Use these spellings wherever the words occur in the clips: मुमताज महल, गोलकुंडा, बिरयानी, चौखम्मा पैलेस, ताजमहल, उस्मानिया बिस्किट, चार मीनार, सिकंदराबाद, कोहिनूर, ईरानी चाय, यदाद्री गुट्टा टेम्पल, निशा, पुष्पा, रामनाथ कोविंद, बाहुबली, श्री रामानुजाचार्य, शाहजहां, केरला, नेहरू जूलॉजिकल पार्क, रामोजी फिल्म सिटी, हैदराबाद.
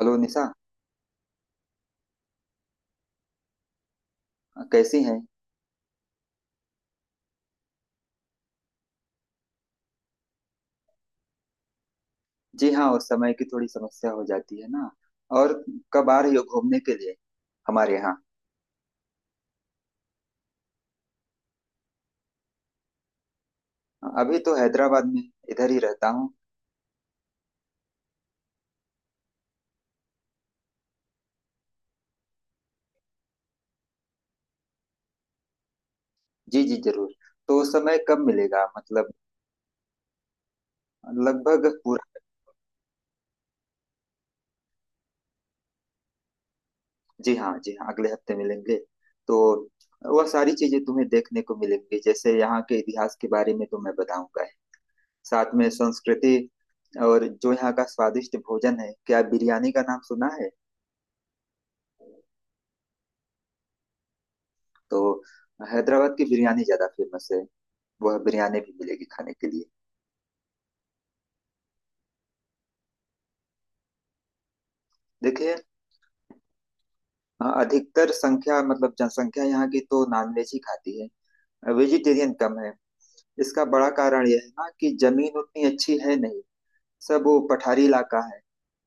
Hello निशा, कैसी हैं। जी हाँ, उस समय की थोड़ी समस्या हो जाती है ना। और कब आ रही हो घूमने के लिए हमारे यहाँ। अभी तो हैदराबाद में, इधर ही रहता हूँ। जी जी जरूर। तो उस समय कब मिलेगा मतलब। लगभग पूरा। जी हाँ जी हाँ, अगले हफ्ते मिलेंगे। तो वह सारी चीजें तुम्हें देखने को मिलेंगी, जैसे यहाँ के इतिहास के बारे में तो मैं बताऊंगा ही। साथ में संस्कृति, और जो यहाँ का स्वादिष्ट भोजन है, क्या बिरयानी का नाम सुना है। तो हैदराबाद की बिरयानी ज्यादा फेमस है। वह बिरयानी भी मिलेगी खाने के लिए। देखिए, हाँ, अधिकतर संख्या मतलब जनसंख्या यहाँ की तो नॉनवेज ही खाती है। वेजिटेरियन कम है। इसका बड़ा कारण यह है ना कि जमीन उतनी अच्छी है नहीं। सब वो पठारी इलाका है।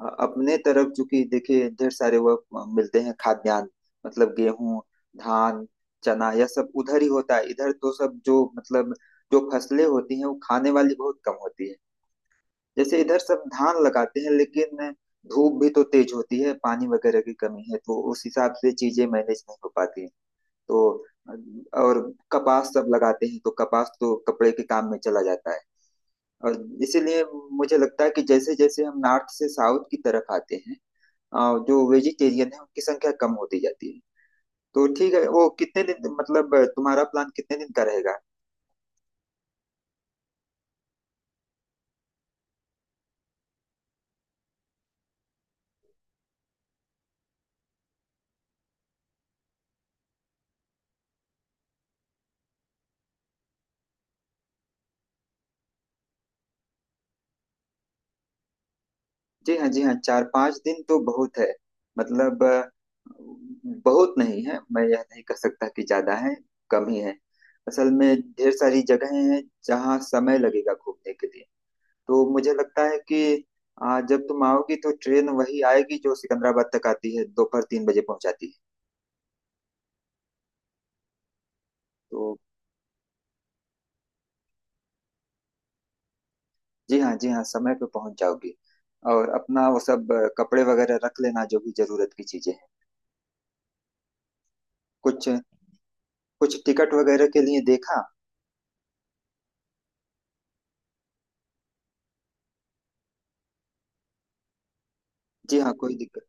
अपने तरफ चूंकि देखिए ढेर सारे वह मिलते हैं खाद्यान्न, मतलब गेहूं, धान, चना, यह सब उधर ही होता है। इधर तो सब जो मतलब जो फसलें होती हैं वो खाने वाली बहुत कम होती है। जैसे इधर सब धान लगाते हैं, लेकिन धूप भी तो तेज होती है, पानी वगैरह की कमी है, तो उस हिसाब से चीजें मैनेज नहीं हो पाती। तो और कपास सब लगाते हैं, तो कपास तो कपड़े के काम में चला जाता है। और इसीलिए मुझे लगता है कि जैसे जैसे हम नॉर्थ से साउथ की तरफ आते हैं, अ, जो वेजिटेरियन है उनकी संख्या कम होती जाती है। तो ठीक है, वो कितने दिन मतलब तुम्हारा प्लान कितने दिन का रहेगा। जी हाँ जी हाँ, 4 5 दिन तो बहुत है। मतलब बहुत नहीं है, मैं यह नहीं कह सकता कि ज्यादा है, कम ही है असल में। ढेर सारी जगहें हैं जहाँ समय लगेगा घूमने के लिए। तो मुझे लगता है कि जब तुम आओगी तो ट्रेन वही आएगी जो सिकंदराबाद तक आती है, दोपहर 3 बजे पहुंचाती है। तो जी हाँ जी हाँ, समय पे पहुंच जाओगी। और अपना वो सब कपड़े वगैरह रख लेना, जो भी जरूरत की चीजें हैं कुछ। कुछ टिकट वगैरह के लिए देखा। जी हाँ कोई दिक्कत।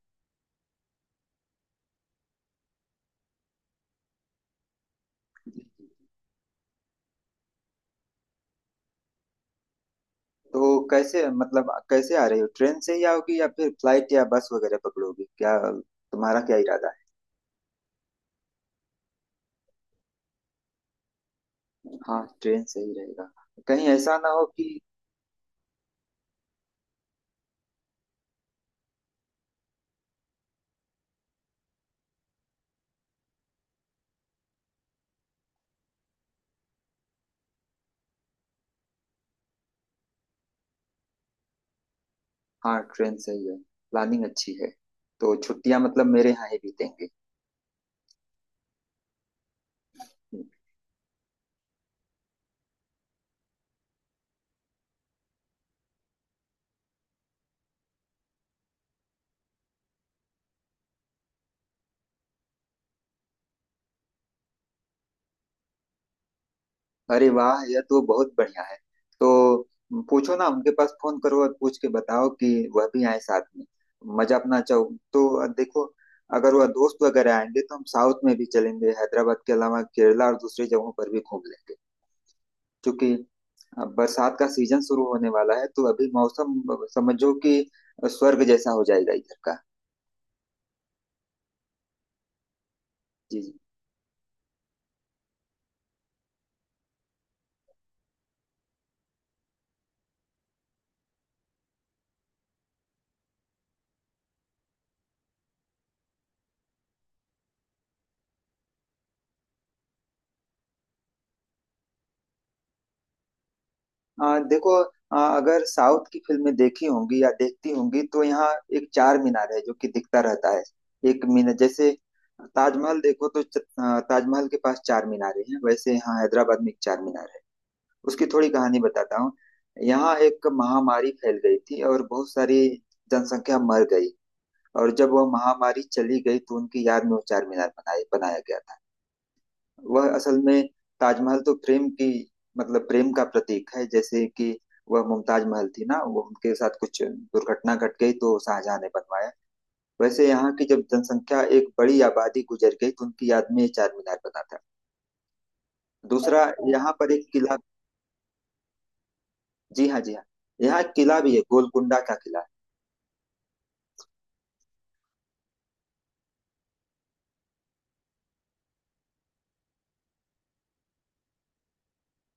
तो कैसे मतलब कैसे आ रही हो, ट्रेन से ही आओगी या फिर फ्लाइट या बस वगैरह पकड़ोगी क्या, तुम्हारा क्या इरादा है। हाँ ट्रेन से ही रहेगा, कहीं ऐसा ना हो कि। हाँ ट्रेन से ही है, प्लानिंग अच्छी है। तो छुट्टियां मतलब मेरे यहाँ ही बीतेंगे। अरे वाह, यह तो बहुत बढ़िया है। तो पूछो ना, उनके पास फोन करो और पूछ के बताओ कि वह भी आए साथ में, मजा अपना चाहो। तो देखो, अगर वह दोस्त वगैरह आएंगे तो हम साउथ में भी चलेंगे, हैदराबाद के अलावा केरला और दूसरी जगहों पर भी घूम लेंगे। चूंकि अब बरसात का सीजन शुरू होने वाला है, तो अभी मौसम समझो कि स्वर्ग जैसा हो जाएगा इधर का। जी जी। देखो, अगर साउथ की फिल्में देखी होंगी या देखती होंगी तो यहाँ एक चार मीनार है जो कि दिखता रहता है। एक मीनार जैसे ताजमहल देखो, तो ताजमहल के पास चार मीनारे हैं, वैसे यहाँ हैदराबाद में एक चार मीनार है। उसकी थोड़ी कहानी बताता हूँ। यहाँ एक महामारी फैल गई थी और बहुत सारी जनसंख्या मर गई, और जब वह महामारी चली गई तो उनकी याद में वो चार मीनार बनाए बनाया गया था। वह असल में, ताजमहल तो प्रेम की मतलब प्रेम का प्रतीक है, जैसे कि वह मुमताज महल थी ना, वो उनके साथ कुछ दुर्घटना घट गई तो शाहजहां ने बनवाया। वैसे यहाँ की जब जनसंख्या एक बड़ी आबादी गुजर गई तो उनकी याद में ये चार मीनार बना था। दूसरा अच्छा, यहाँ पर एक किला, जी हाँ जी हाँ, यहाँ एक किला भी है, गोलकुंडा का किला।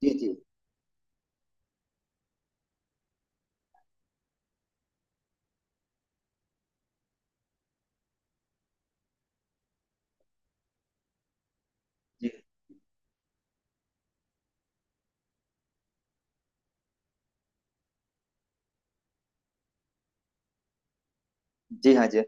जी जी। जी जी हाँ जी हाँ।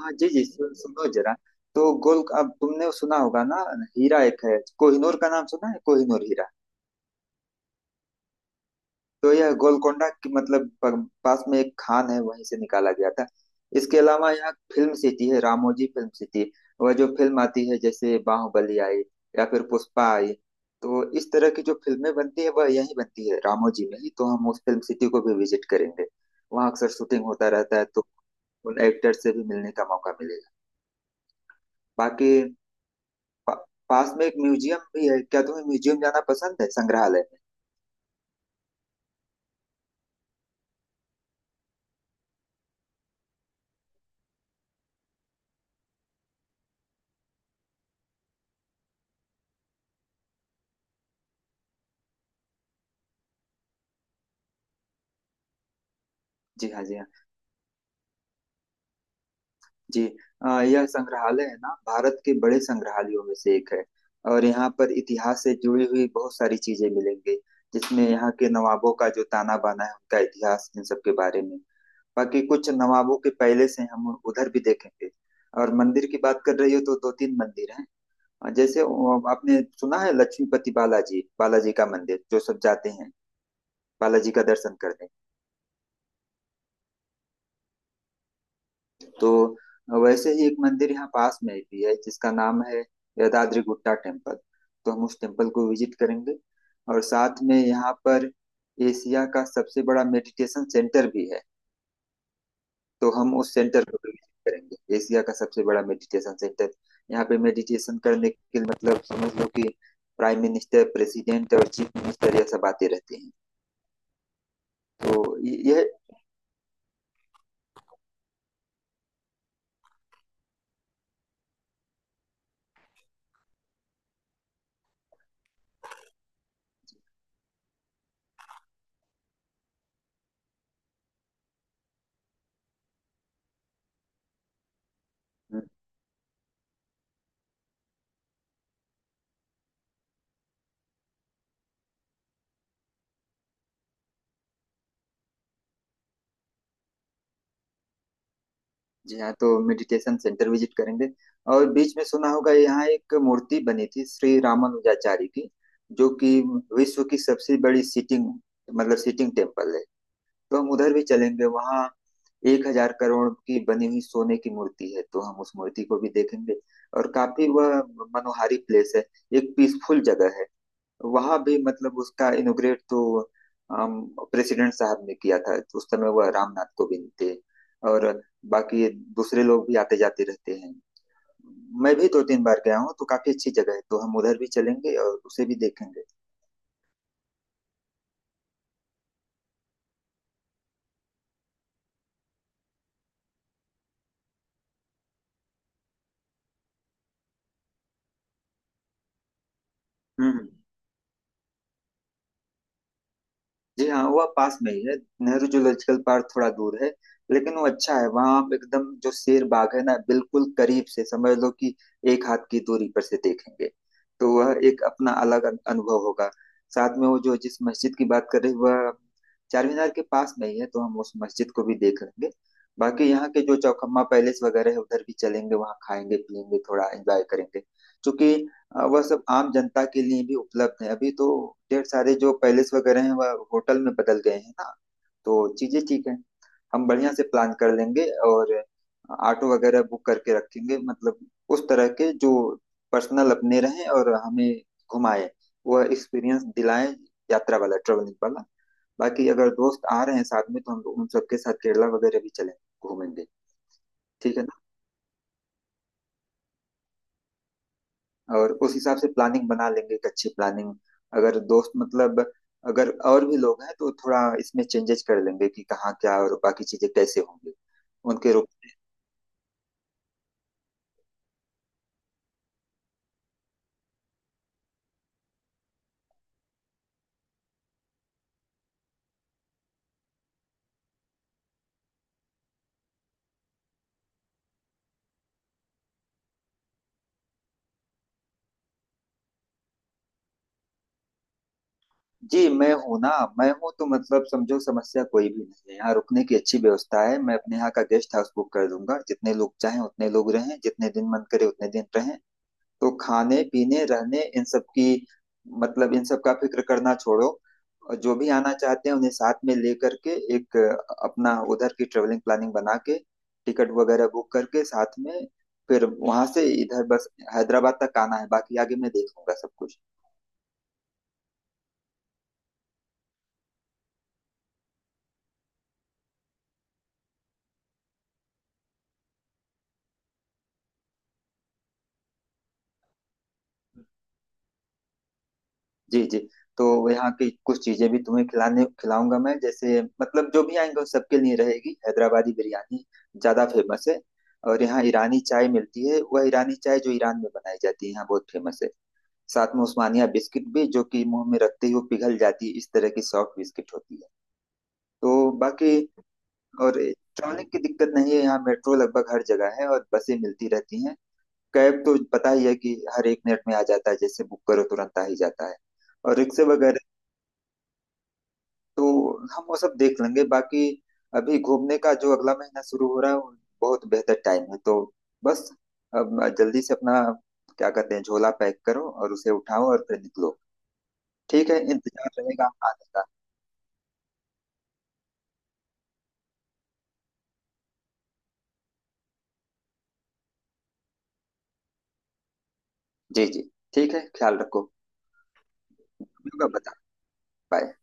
हाँ जी जी, सुनो जरा। तो गोल अब तुमने सुना होगा ना, हीरा एक है कोहिनूर, का नाम सुना है, कोहिनूर हीरा। तो यह गोलकोंडा की मतलब पास में एक खान है, वहीं से निकाला गया था। इसके अलावा यहाँ फिल्म सिटी है, रामोजी फिल्म सिटी। वह जो फिल्म आती है जैसे बाहुबली आई या फिर पुष्पा आई, तो इस तरह की जो फिल्में बनती है वह यहीं बनती है, रामोजी में ही। तो हम उस फिल्म सिटी को भी विजिट करेंगे। वहाँ अक्सर शूटिंग होता रहता है, तो उन एक्टर्स से भी मिलने का मौका मिलेगा। बाकी पास में एक म्यूजियम भी है, क्या तुम्हें म्यूजियम जाना पसंद है, संग्रहालय में। जी हाँ जी हाँ। जी यह संग्रहालय है ना, भारत के बड़े संग्रहालयों में से एक है। और यहाँ पर इतिहास से जुड़ी हुई बहुत सारी चीजें मिलेंगी, जिसमें यहाँ के नवाबों का जो ताना बाना है, उनका इतिहास, इन सब के बारे में। बाकी कुछ नवाबों के पहले से हम उधर भी देखेंगे। और मंदिर की बात कर रही हो तो दो तीन मंदिर हैं। जैसे आपने सुना है लक्ष्मीपति बालाजी बालाजी का मंदिर, जो सब जाते हैं बालाजी का दर्शन करने। तो वैसे ही एक मंदिर यहाँ पास में भी है जिसका नाम है यदाद्री गुट्टा टेम्पल। तो हम उस टेम्पल को विजिट करेंगे। और साथ में यहाँ पर एशिया का सबसे बड़ा मेडिटेशन सेंटर भी है, तो हम उस सेंटर को भी विजिट करेंगे, एशिया का सबसे बड़ा मेडिटेशन सेंटर। यहाँ पे मेडिटेशन करने के लिए मतलब समझ लो कि प्राइम मिनिस्टर, प्रेसिडेंट और चीफ मिनिस्टर, यह सब आते रहते हैं। तो यह, जी हाँ तो मेडिटेशन सेंटर विजिट करेंगे। और बीच में सुना होगा, यहाँ एक मूर्ति बनी थी श्री रामानुजाचार्य की, जो कि विश्व की सबसे बड़ी सिटिंग मतलब सिटिंग टेम्पल है। तो हम उधर भी चलेंगे। वहाँ 1000 करोड़ की बनी हुई सोने की मूर्ति है, तो हम उस मूर्ति को भी देखेंगे। और काफी वह मनोहारी प्लेस है, एक पीसफुल जगह है। वहां भी मतलब उसका इनोग्रेट तो प्रेसिडेंट साहब ने किया था, तो उस समय वह रामनाथ कोविंद थे। और बाकी दूसरे लोग भी आते जाते रहते हैं। मैं भी दो तीन बार गया हूँ, तो काफी अच्छी जगह है, तो हम उधर भी चलेंगे और उसे भी देखेंगे। हम्म, जी हाँ वह पास में ही है। नेहरू जूलॉजिकल पार्क थोड़ा दूर है, लेकिन वो अच्छा है। वहाँ आप एकदम जो शेर बाग है ना, बिल्कुल करीब से, समझ लो कि एक हाथ की दूरी पर से देखेंगे। तो वह एक अपना अलग अनुभव होगा। साथ में वो जो जिस मस्जिद की बात कर रहे हैं, वह चार मीनार के पास में ही है, तो हम उस मस्जिद को भी देख लेंगे। बाकी यहाँ के जो चौखम्मा पैलेस वगैरह है, उधर भी चलेंगे, वहाँ खाएंगे पियेंगे थोड़ा एंजॉय करेंगे, क्योंकि वह सब आम जनता के लिए भी उपलब्ध है। अभी तो ढेर सारे जो पैलेस वगैरह हैं वह होटल में बदल गए हैं ना। तो चीजें ठीक है, हम बढ़िया से प्लान कर लेंगे, और ऑटो वगैरह बुक करके रखेंगे, मतलब उस तरह के जो पर्सनल अपने रहें और हमें घुमाए, वह एक्सपीरियंस दिलाएं, यात्रा वाला, ट्रेवलिंग वाला। बाकी अगर दोस्त आ रहे हैं साथ में तो हम उन सबके साथ केरला वगैरह भी चलें, घूमेंगे, ठीक है ना? और उस हिसाब से प्लानिंग बना लेंगे, एक अच्छी प्लानिंग। अगर दोस्त मतलब अगर और भी लोग हैं तो थोड़ा इसमें चेंजेस कर लेंगे कि कहाँ क्या और बाकी चीजें कैसे होंगी, उनके रुक। जी मैं हूँ ना, मैं हूँ तो मतलब समझो समस्या कोई भी नहीं है, यहाँ रुकने की अच्छी व्यवस्था है। मैं अपने यहाँ का गेस्ट हाउस बुक कर दूंगा, जितने लोग चाहें उतने लोग रहें, जितने दिन मन करे उतने दिन रहें। तो खाने पीने रहने इन सब की मतलब इन सब का फिक्र करना छोड़ो। और जो भी आना चाहते हैं उन्हें साथ में लेकर के एक अपना उधर की ट्रेवलिंग प्लानिंग बना के, टिकट वगैरह बुक करके साथ में, फिर वहां से इधर बस हैदराबाद तक आना है, बाकी आगे मैं देख लूंगा सब कुछ। जी जी। तो यहाँ की कुछ चीजें भी तुम्हें खिलाने खिलाऊंगा मैं, जैसे मतलब जो भी आएंगे उन सबके लिए रहेगी हैदराबादी बिरयानी, ज्यादा फेमस है। और यहाँ ईरानी चाय मिलती है, वह ईरानी चाय जो ईरान में बनाई जाती है, यहाँ बहुत फेमस है। साथ में उस्मानिया बिस्किट भी, जो कि मुंह में रखते ही वो पिघल जाती है, इस तरह की सॉफ्ट बिस्किट होती है। तो बाकी, और ट्रैवलिंग की दिक्कत नहीं है यहाँ, मेट्रो लगभग हर जगह है और बसें मिलती रहती हैं। कैब तो पता ही है कि हर एक मिनट में आ जाता है, जैसे बुक करो तुरंत आ ही जाता है। और रिक्शे वगैरह, तो हम वो सब देख लेंगे। बाकी अभी घूमने का जो अगला महीना शुरू हो रहा है वो बहुत बेहतर टाइम है। तो बस, अब जल्दी से अपना क्या कहते हैं झोला पैक करो और उसे उठाओ और फिर निकलो। ठीक है, इंतजार रहेगा आने का। जी जी, ठीक है, ख्याल रखो। होगा बता, बाय।